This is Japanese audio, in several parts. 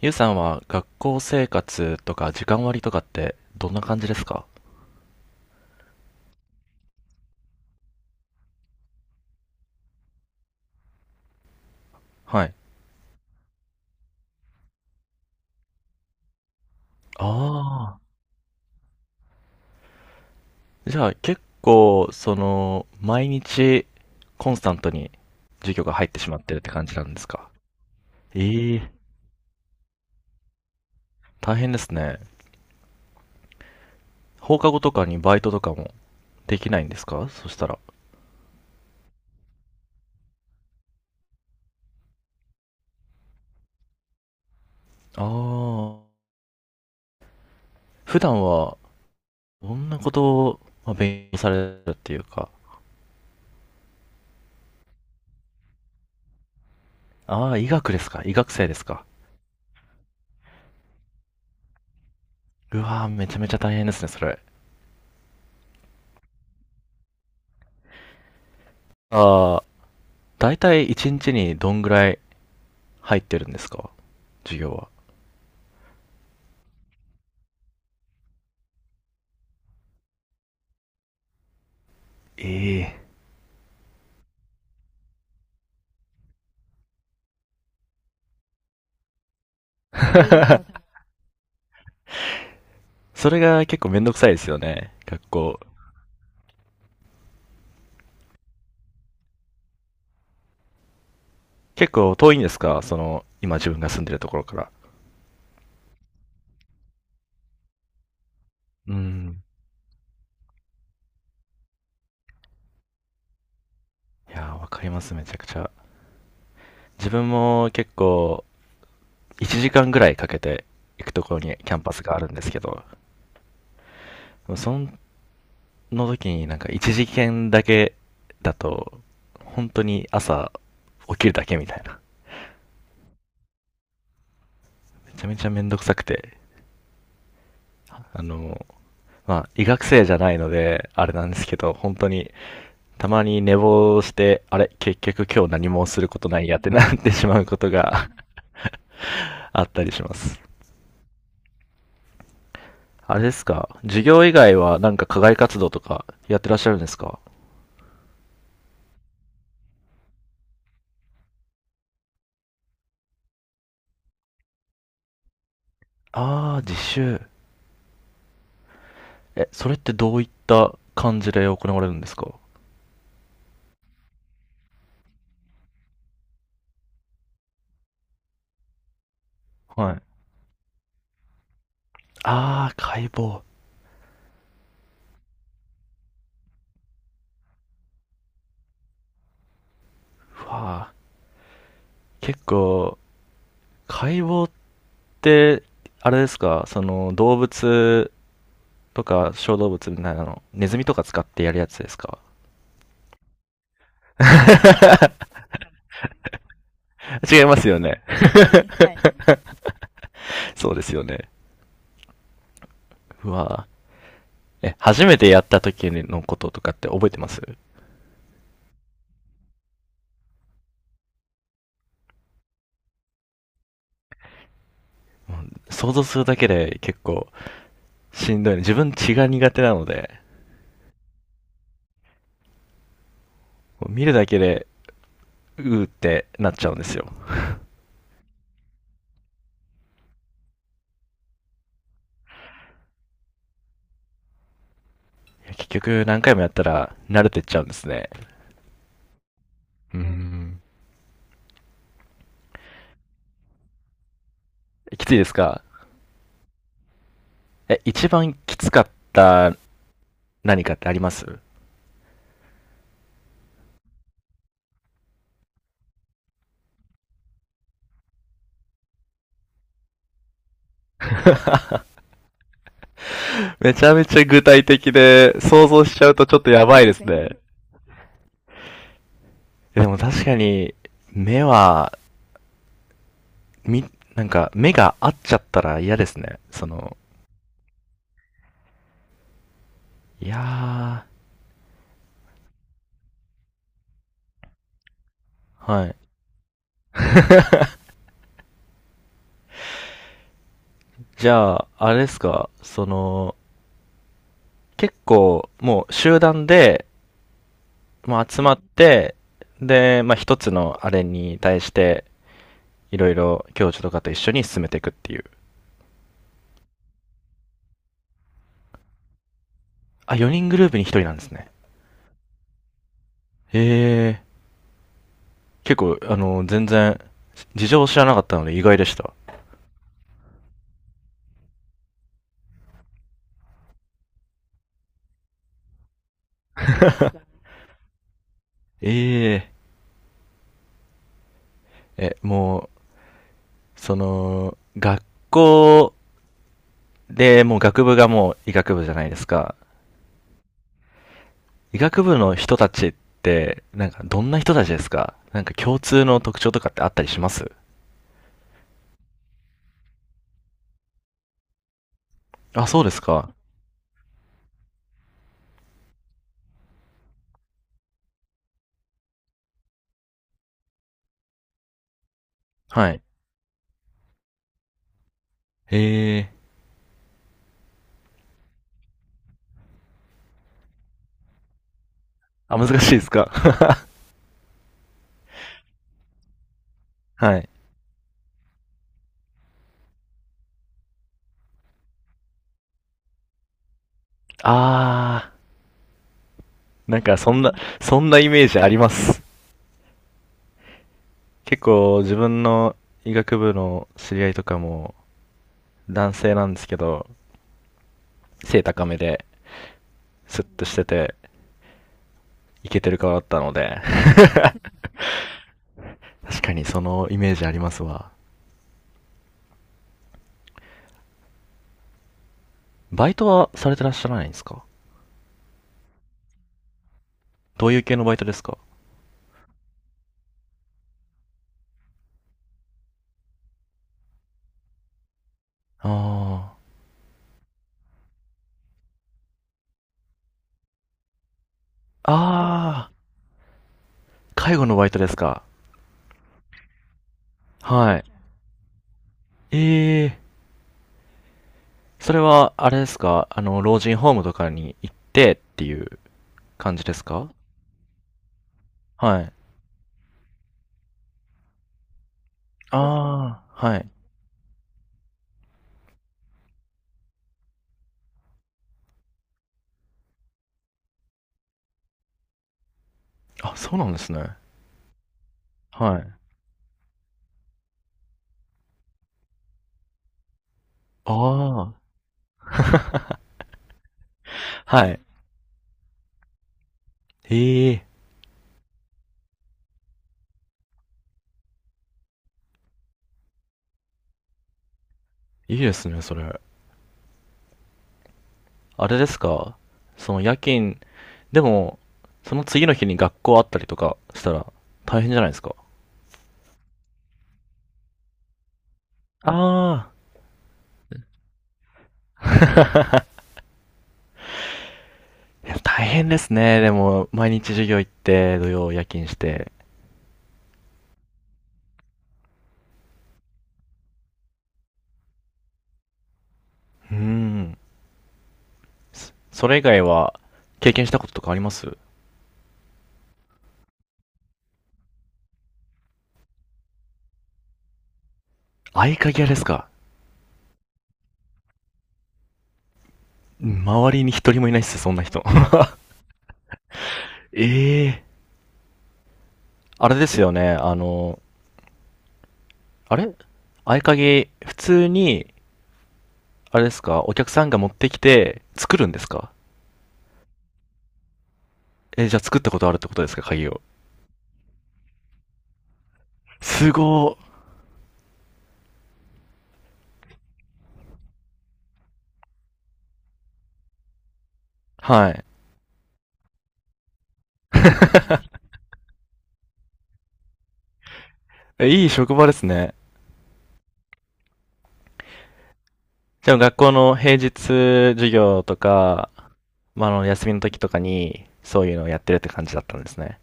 ゆうさんは学校生活とか時間割とかってどんな感じですか？はい。ああ。じゃあ結構、毎日コンスタントに授業が入ってしまってるって感じなんですか？ええ、大変ですね。放課後とかにバイトとかもできないんですか、そしたら？ああ。普段は、どんなことを、まあ、勉強されるっていうか。ああ、医学ですか？医学生ですか？うわー、めちゃめちゃ大変ですね、それ。あ、大体1日にちにどんぐらい入ってるんですか、授業は？ええ。それが結構めんどくさいですよね。学校。結構遠いんですか？今自分が住んでるところから。うん。いやー、わかります、めちゃくちゃ。自分も結構、1時間ぐらいかけて行くところにキャンパスがあるんですけど、その時になんか1時間だけだと、本当に朝起きるだけみたいな。めちゃめちゃめんどくさくて、あの、まあ、医学生じゃないので、あれなんですけど、本当に、たまに寝坊して、あれ、結局今日何もすることないやってなってしまうことが あったりします。あれですか、授業以外はなんか課外活動とかやってらっしゃるんですか？あー、実習。え、それってどういった感じで行われるんですか？はい。あー、解剖。うわあ、結構、解剖って、あれですか、その動物とか小動物みたいなの、ネズミとか使ってやるやつですか？ 違いますよね。はい。そうですよね。うわぁ、え、初めてやった時のこととかって覚えてます？想像するだけで結構しんどいね、自分血が苦手なので、見るだけで、うーってなっちゃうんですよ。いや結局何回もやったら慣れてっちゃうんですね。うーん。きついですか？え、一番きつかった何かってあります？めちゃめちゃ具体的で、想像しちゃうとちょっとやばいですね。でも確かに、目は、み、なんか、目が合っちゃったら嫌ですね。いやー、はい。じゃあ、あれですか、結構、もう集団で、まあ集まって、で、まあ一つのあれに対して、いろいろ教授とかと一緒に進めていくっていう。あ、4人グループに1人なんですね。へえー、結構、全然、事情を知らなかったので意外でした。ええ、え、もう、学校でもう学部がもう医学部じゃないですか。医学部の人たちって、なんかどんな人たちですか？なんか共通の特徴とかってあったりします？あ、そうですか。はい。へえ。あ、難しいですか？ はい。あー、なんかそんなイメージあります。結構自分の医学部の知り合いとかも男性なんですけど、背高めで、スッとしてて、イケてる顔だったので、確かにそのイメージありますわ。バイトはされてらっしゃらないんですか？どういう系のバイトですか？ああ。ああ、介護のバイトですか。はい。ええ、それは、あれですか、老人ホームとかに行ってっていう感じですか？はい。ああ、はい。あ、そうなんですね。はい。ああ。はい。ええ、いいですね、それ。あれですか、その夜勤でも、その次の日に学校あったりとかしたら大変じゃないですか。ああ。いや大変ですね。でも、毎日授業行って、土曜夜勤して。うーん。それ以外は、経験したこととかあります？合鍵屋ですか？周りに一人もいないっす、そんな人。ええ、あれですよね、あの、あれ合鍵、普通に、あれですか、お客さんが持ってきて、作るんですか？え、じゃあ作ったことあるってことですか、鍵を。すごはい。え、いい職場ですね。じゃあ学校の平日授業とか、まあ、休みの時とかに、そういうのをやってるって感じだったんですね。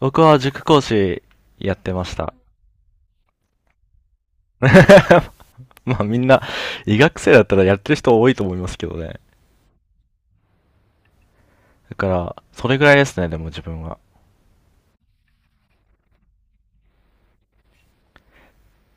僕は塾講師やってました。まあみんな、医学生だったらやってる人多いと思いますけどね。だから、それぐらいですね、でも自分は。